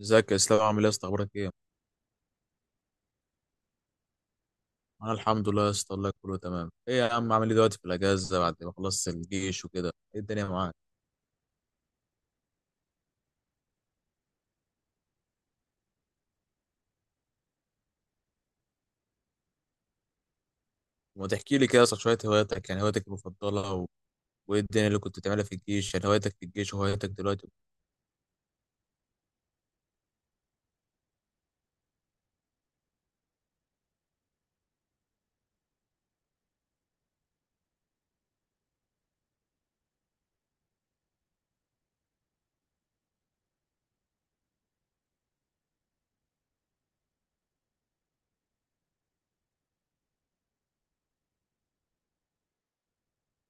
ازيك يا اسلام، عامل ايه يا اسطى، اخبارك ايه؟ انا الحمد لله يا اسطى، الله كله تمام. ايه يا عم عامل ايه دلوقتي في الاجازه بعد ما خلصت الجيش وكده، ايه الدنيا معاك؟ وما تحكي لي كده يا اسطى شويه هواياتك، يعني هواياتك المفضله وايه الدنيا اللي كنت بتعملها في الجيش، يعني هواياتك في الجيش وهواياتك دلوقتي.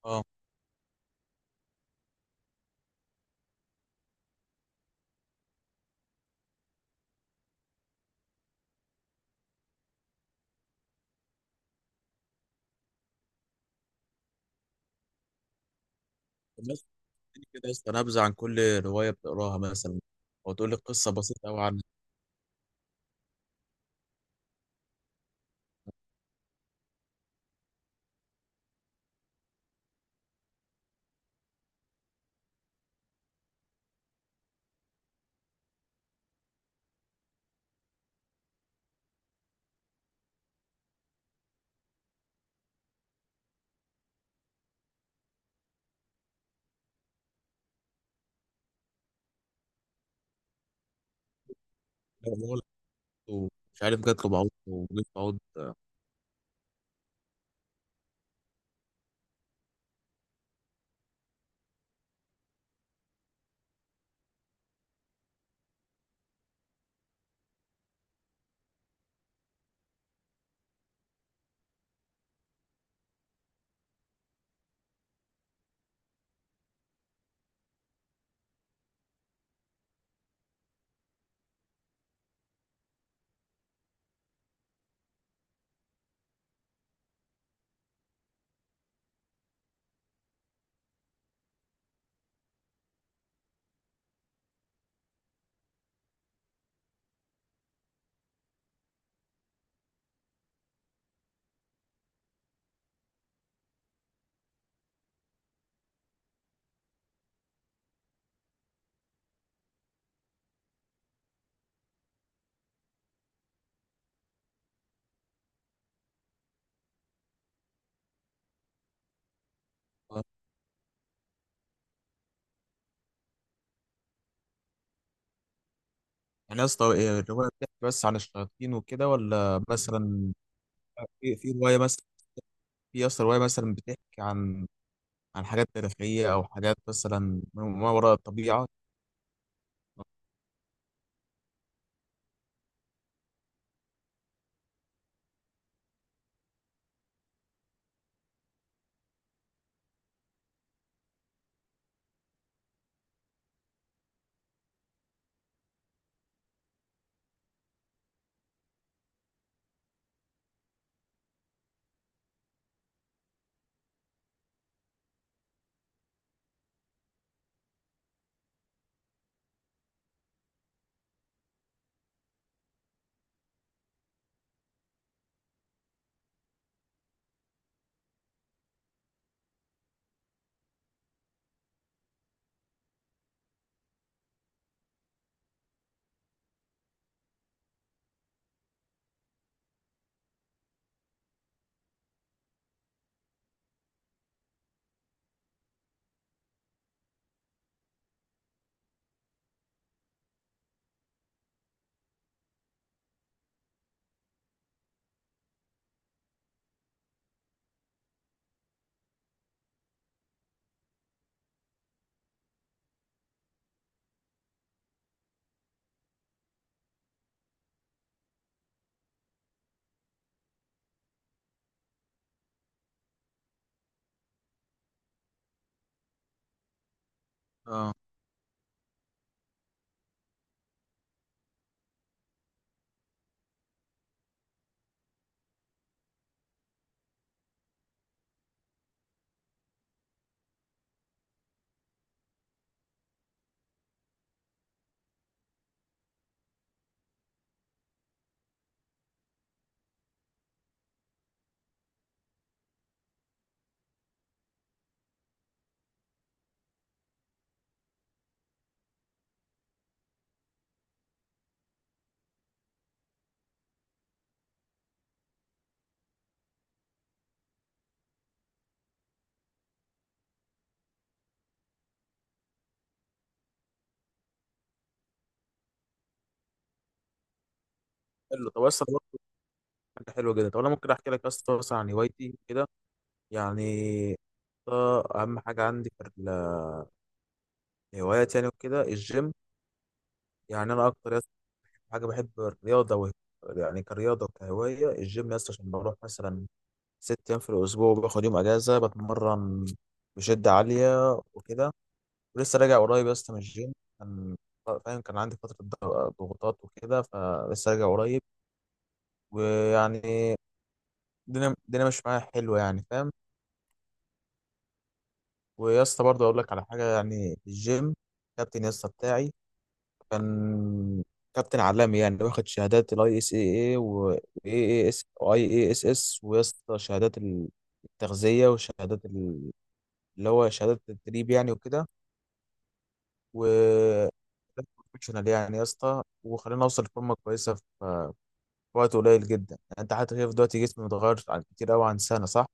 اه، الناس بتحكي كده يا اسطى نبذه عن كل روايه بتقراها مثلا، او تقول لي قصه بسيطه قوي عن الرجل، ومش عارف جات له بعوض وجيت بعوض يعني يا اسطى إيه الروايه، بتحكي بس عن الشياطين وكده، ولا مثلا في روايه، مثلا في أصلا رواية مثلا بتحكي عن حاجات تاريخية أو حاجات مثلا ما وراء الطبيعة؟ اه، حلو. طب أصلا برضه حاجة حلوة جدا. طب أنا ممكن أحكي لك أصلا مثلا عن هوايتي كده، يعني ده أهم حاجة عندي في الهوايات، يعني وكده الجيم. يعني أنا أكتر حاجة بحب الرياضة يعني كرياضة وكهواية الجيم، يس، عشان بروح مثلا 6 أيام في الأسبوع وباخد يوم أجازة، بتمرن بشدة عالية وكده. ولسه راجع قريب يا اسطى من الجيم. كان فاهم كان عندي فترة ضغوطات وكده، فلسه راجع قريب، ويعني الدنيا مش معايا حلوة، يعني فاهم. ويا اسطى برضه أقول لك على حاجة، يعني في الجيم كابتن يا اسطى بتاعي كان كابتن عالمي، يعني واخد شهادات الاي اس اي اي واي اي اس واي اي اس اس، ويا اسطى شهادات التغذية، وشهادات ال- اللي هو شهادات التدريب يعني وكده، و بروفيشنال يعني يا اسطى. وخلينا اوصل لفورمه كويسه في وقت قليل جدا، يعني انت حتى شايف دلوقتي جسمي متغير عن كتير قوي عن سنه، صح؟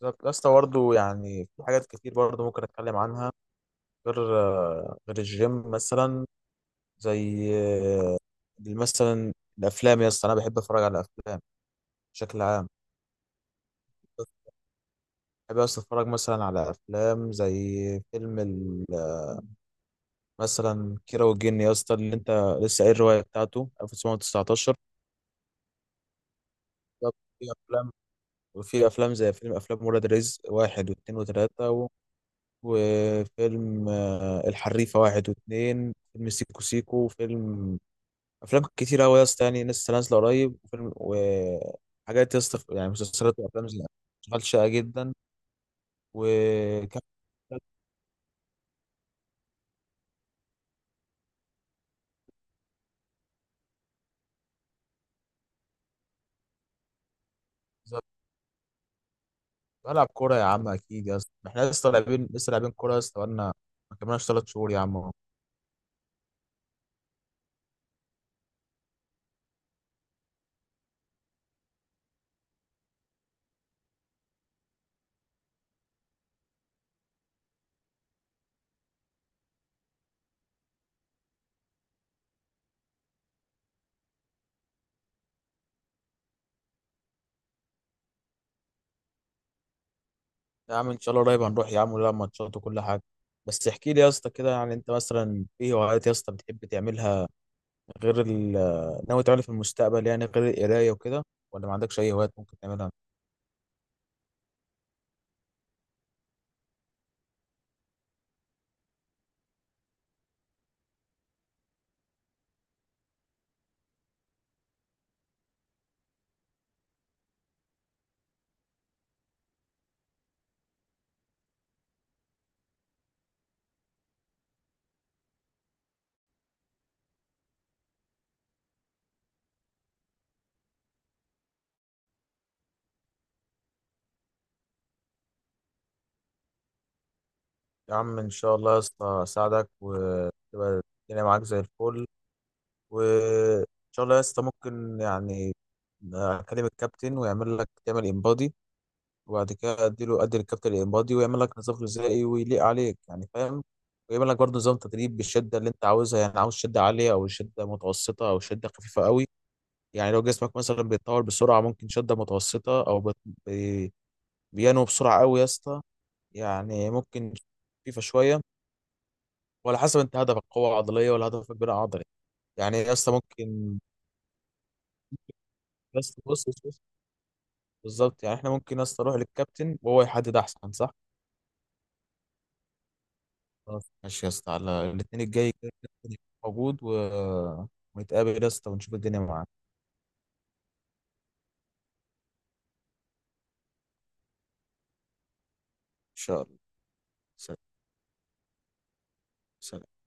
بالظبط يا اسطى. برضه يعني في حاجات كتير برضه ممكن اتكلم عنها غير الجيم مثلا، زي مثلا الافلام. يا اسطى انا بحب اتفرج على افلام بشكل عام. بحب يا اسطى اتفرج مثلا على افلام زي فيلم ال- مثلا كيرة والجن يا اسطى، اللي انت لسه قايل الروايه بتاعته 1919. بالظبط. في افلام، وفي افلام زي فيلم، افلام ولاد رزق 1 و2 و3، وفيلم الحريفة 1 و2، فيلم سيكو سيكو، فيلم أفلام كتير أوي يا اسطى، يعني لسه نازلة قريب. وفيلم وحاجات يا اسطى، يعني مسلسلات وأفلام زي أشغال شاقة جدا، وكان بلعب كورة. يا عم أكيد يا اسطى، احنا لسه لاعبين كورة يا اسطى، بقالنا ما كملناش 3 شهور يا عم أهو. يا عم إن شاء الله قريب هنروح يا عم ونلعب ماتشات وكل حاجة. بس احكي لي يا اسطى كده، يعني أنت مثلا إيه هوايات يا اسطى بتحب تعملها غير ناوي تعمل في المستقبل، يعني غير القراية وكده، ولا ما عندكش أي هوايات ممكن تعملها؟ يا عم إن شاء الله يا اسطى أساعدك، وتبقى الدنيا معاك زي الفل. وإن شاء الله يا اسطى ممكن يعني أكلم الكابتن ويعمل لك تعمل إنبادي. وبعد كده أدي للكابتن الإنبادي، ويعمل لك نظام غذائي ويليق عليك، يعني فاهم؟ ويعمل لك برضه نظام تدريب بالشدة اللي أنت عاوزها، يعني عاوز شدة عالية أو شدة متوسطة أو شدة خفيفة قوي. يعني لو جسمك مثلا بيتطور بسرعة ممكن شدة متوسطة، أو بيانو بسرعة قوي يا اسطى، يعني ممكن فيفا شوية. وعلى حسب انت هدفك قوة عضلية ولا هدفك بناء عضلي، يعني يا اسطى ممكن. يا اسطى بص بص بص. بالظبط، يعني احنا ممكن يا اسطى نروح للكابتن وهو يحدد احسن، صح؟ خلاص ماشي يا اسطى، على الاثنين الجاي كده الكابتن يكون موجود، ونتقابل يا اسطى ونشوف الدنيا معاك ان شاء الله. سلام. سلام.